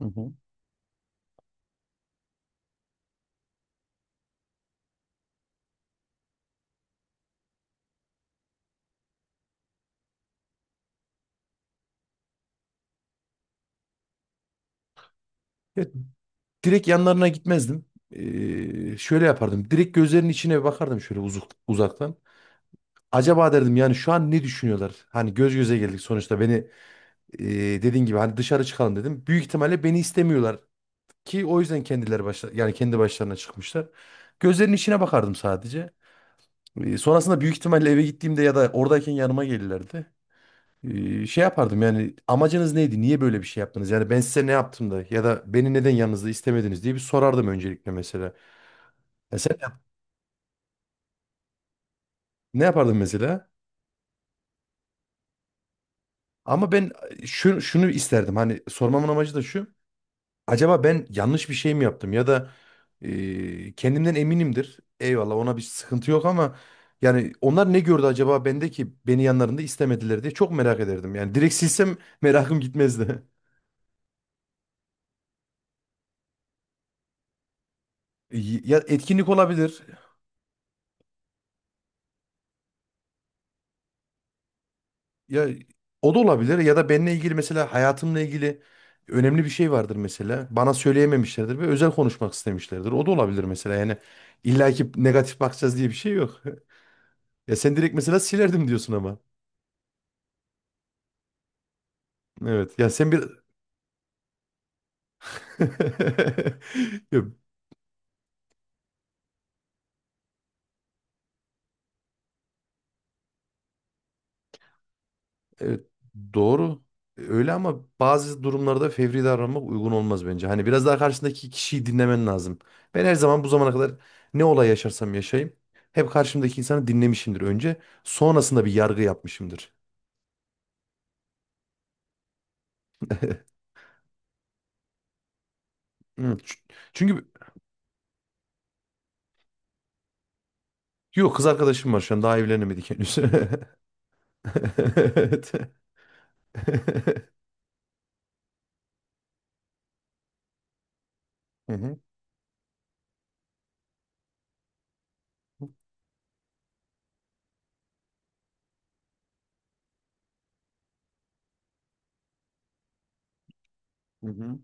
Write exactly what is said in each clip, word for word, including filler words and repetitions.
Hı hı. Ya, direkt yanlarına gitmezdim. Ee, şöyle yapardım. Direkt gözlerinin içine bakardım şöyle uzuk, uzaktan. Acaba derdim yani şu an ne düşünüyorlar? Hani göz göze geldik sonuçta beni e, dediğin gibi hani dışarı çıkalım dedim. Büyük ihtimalle beni istemiyorlar ki o yüzden kendileri başla yani kendi başlarına çıkmışlar. Gözlerinin içine bakardım sadece. Ee, Sonrasında büyük ihtimalle eve gittiğimde ya da oradayken yanıma gelirlerdi. Ee, Şey yapardım, yani amacınız neydi? Niye böyle bir şey yaptınız? Yani ben size ne yaptım da, ya da beni neden yanınızda istemediniz diye bir sorardım öncelikle mesela. Ya sen ne yap- ne yapardın mesela? Ama ben e, şu, şunu isterdim, hani sormamın amacı da şu. Acaba ben yanlış bir şey mi yaptım ya da e, kendimden eminimdir. Eyvallah, ona bir sıkıntı yok ama yani onlar ne gördü acaba bende ki beni yanlarında istemediler diye çok merak ederdim. Yani direkt silsem merakım gitmezdi. Y- Ya etkinlik olabilir, ya o da olabilir ya da benimle ilgili, mesela hayatımla ilgili önemli bir şey vardır mesela. Bana söyleyememişlerdir ve özel konuşmak istemişlerdir. O da olabilir mesela. Yani illa ki negatif bakacağız diye bir şey yok. Ya sen direkt mesela silerdim diyorsun ama. Evet, ya sen bir... Ya, evet, doğru. E, Öyle ama bazı durumlarda fevri davranmak uygun olmaz bence. Hani biraz daha karşındaki kişiyi dinlemen lazım. Ben her zaman bu zamana kadar ne olay yaşarsam yaşayayım hep karşımdaki insanı dinlemişimdir önce. Sonrasında bir yargı yapmışımdır. Hı, ç- Çünkü yok, kız arkadaşım var şu an, daha evlenemedik henüz. Evet. Hı hı, hı hı.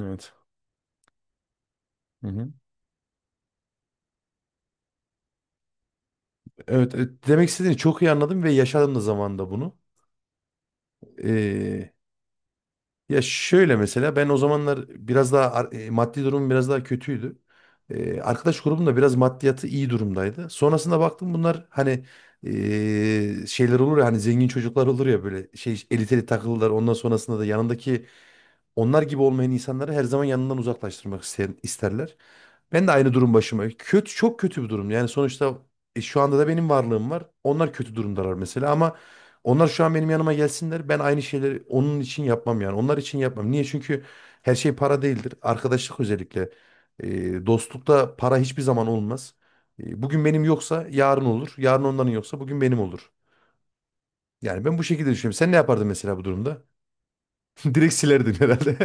Evet. Hı hı. Evet, evet, demek istediğini çok iyi anladım ve yaşadım da zamanında bunu. Ee, Ya şöyle, mesela ben o zamanlar biraz daha ar- e, maddi durumum biraz daha kötüydü. E, arkadaş grubum da biraz maddiyatı iyi durumdaydı. Sonrasında baktım bunlar hani, e, şeyler olur ya, hani zengin çocuklar olur ya, böyle şey eliteli takılırlar. Ondan sonrasında da yanındaki onlar gibi olmayan insanları her zaman yanından uzaklaştırmak isteyen, isterler. Ben de aynı durum başıma. Kötü, çok kötü bir durum. Yani sonuçta e, şu anda da benim varlığım var. Onlar kötü durumdalar mesela, ama onlar şu an benim yanıma gelsinler, ben aynı şeyleri onun için yapmam yani. Onlar için yapmam. Niye? Çünkü her şey para değildir. Arkadaşlık özellikle. E, dostlukta para hiçbir zaman olmaz. E, bugün benim yoksa yarın olur. Yarın onların yoksa bugün benim olur. Yani ben bu şekilde düşünüyorum. Sen ne yapardın mesela bu durumda? Direkt silerdin herhalde.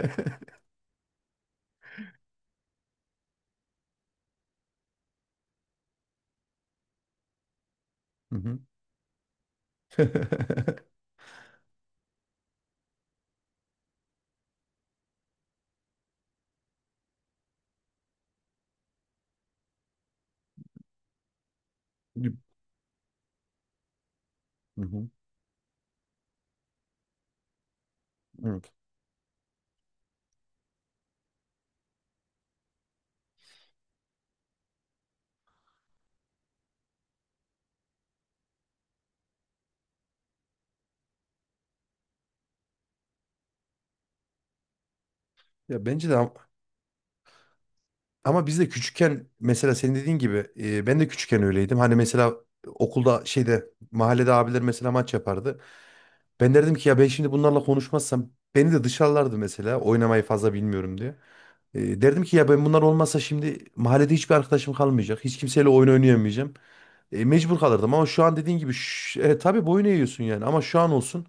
Hı hı. Hı hı. Evet. Ya, bence de ama biz de küçükken mesela, senin dediğin gibi e, ben de küçükken öyleydim. Hani mesela okulda, şeyde, mahallede abiler mesela maç yapardı. Ben derdim ki ya, ben şimdi bunlarla konuşmazsam beni de dışarılardı mesela, oynamayı fazla bilmiyorum diye. E, derdim ki ya, ben bunlar olmasa şimdi mahallede hiçbir arkadaşım kalmayacak. Hiç kimseyle oyun oynayamayacağım. E, mecbur kalırdım ama şu an dediğin gibi, şş- e, tabii boyun eğiyorsun yani, ama şu an olsun,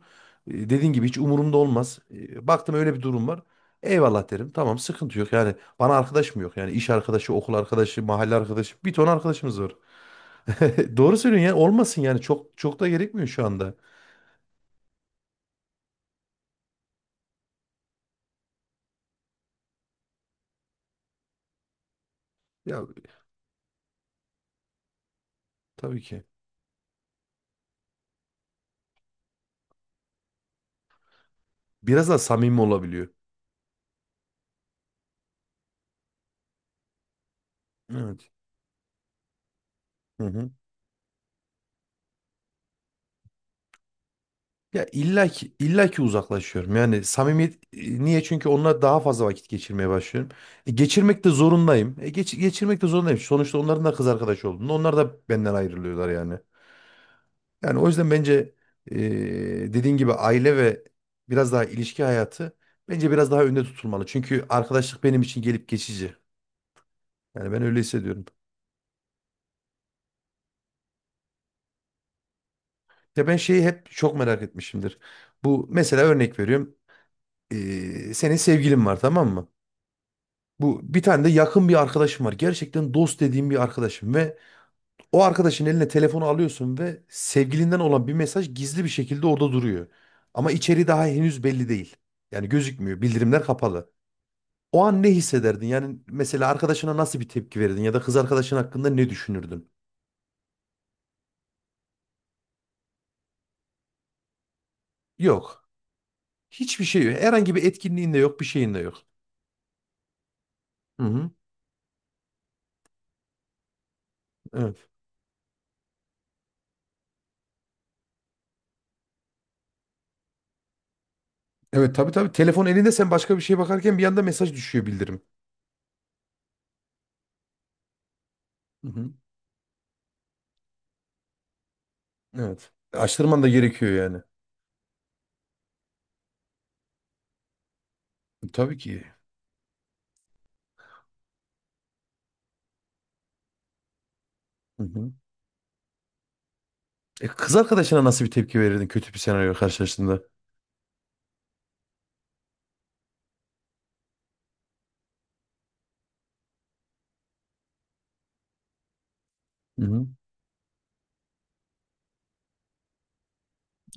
e, dediğin gibi hiç umurumda olmaz. E, baktım öyle bir durum var, eyvallah derim. Tamam, sıkıntı yok. Yani bana arkadaş mı yok? Yani iş arkadaşı, okul arkadaşı, mahalle arkadaşı, bir ton arkadaşımız var. Doğru söylüyorsun, yani olmasın yani, çok çok da gerekmiyor şu anda. Ya, tabii ki. Biraz daha samimi olabiliyor. Evet. Hı hı. Ya illa ki, illa ki uzaklaşıyorum. Yani samimiyet e, niye? Çünkü onunla daha fazla vakit geçirmeye başlıyorum. E, geçirmek de zorundayım. E, geç, geçirmek de zorundayım. Sonuçta onların da kız arkadaşı olduğunda onlar da benden ayrılıyorlar yani. Yani o yüzden bence e, dediğin gibi aile ve biraz daha ilişki hayatı bence biraz daha önde tutulmalı. Çünkü arkadaşlık benim için gelip geçici. Yani ben öyle hissediyorum. Ya, ben şeyi hep çok merak etmişimdir. Bu, mesela örnek veriyorum. E, senin sevgilin var, tamam mı? Bu bir tane de yakın bir arkadaşım var, gerçekten dost dediğim bir arkadaşım, ve o arkadaşın eline telefonu alıyorsun ve sevgilinden olan bir mesaj gizli bir şekilde orada duruyor. Ama içeriği daha henüz belli değil. Yani gözükmüyor, bildirimler kapalı. O an ne hissederdin? Yani mesela arkadaşına nasıl bir tepki verirdin ya da kız arkadaşın hakkında ne düşünürdün? Yok. Hiçbir şey yok. Herhangi bir etkinliğin de yok, bir şeyin de yok. Hı hı. Evet. Evet, tabii tabii. Telefon elinde, sen başka bir şeye bakarken bir anda mesaj düşüyor, bildirim. Hı hı. Evet. Açtırman da gerekiyor yani. Tabii ki. Hı hı. E, kız arkadaşına nasıl bir tepki verirdin kötü bir senaryo karşılaştığında? Hı hı.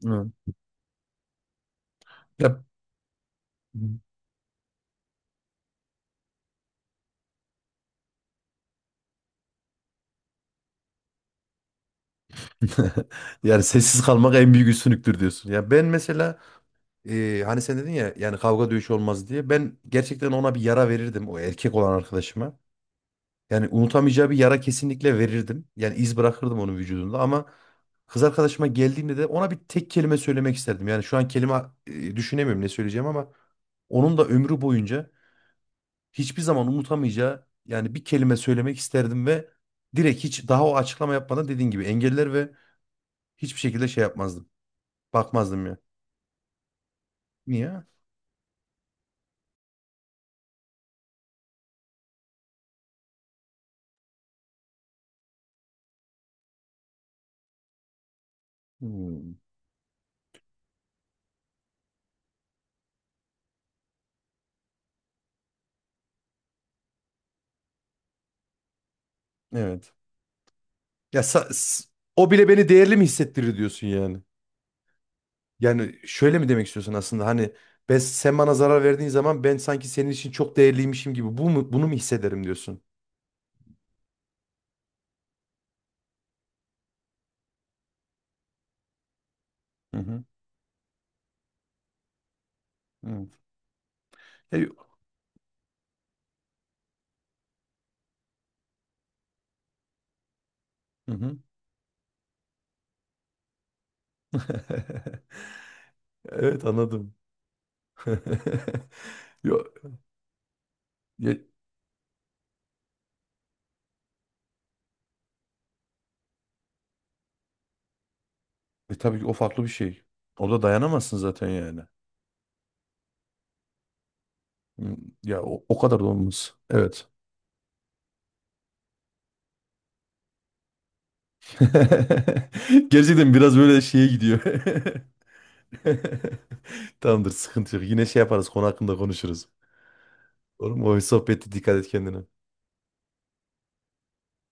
Evet. Ya, yani sessiz kalmak en büyük üstünlüktür diyorsun. Ya ben mesela, e, hani sen dedin ya, yani kavga dövüş olmaz diye, ben gerçekten ona bir yara verirdim, o erkek olan arkadaşıma. Yani unutamayacağı bir yara kesinlikle verirdim. Yani iz bırakırdım onun vücudunda, ama kız arkadaşıma geldiğinde de ona bir tek kelime söylemek isterdim. Yani şu an kelime e, düşünemiyorum ne söyleyeceğim, ama onun da ömrü boyunca hiçbir zaman unutamayacağı yani bir kelime söylemek isterdim, ve direkt, hiç daha o açıklama yapmadan, dediğin gibi engeller ve hiçbir şekilde şey yapmazdım. Bakmazdım ya. Niye? Hmm. Evet. Ya sa- s- o bile beni değerli mi hissettirir diyorsun yani. Yani şöyle mi demek istiyorsun aslında, hani ben, sen bana zarar verdiğin zaman ben sanki senin için çok değerliymişim gibi, bu mu, bunu mu hissederim diyorsun? Hı hı. Hı. E, Hı hı. Evet, anladım. Yok. E tabii ki, o farklı bir şey. Orada dayanamazsın zaten yani. Hmm. Ya o, o kadar da olmaz. Evet. Gerçekten biraz böyle şeye gidiyor. Tamamdır, sıkıntı yok. Yine şey yaparız, konu hakkında konuşuruz. Olur mu? O sohbette dikkat et kendine.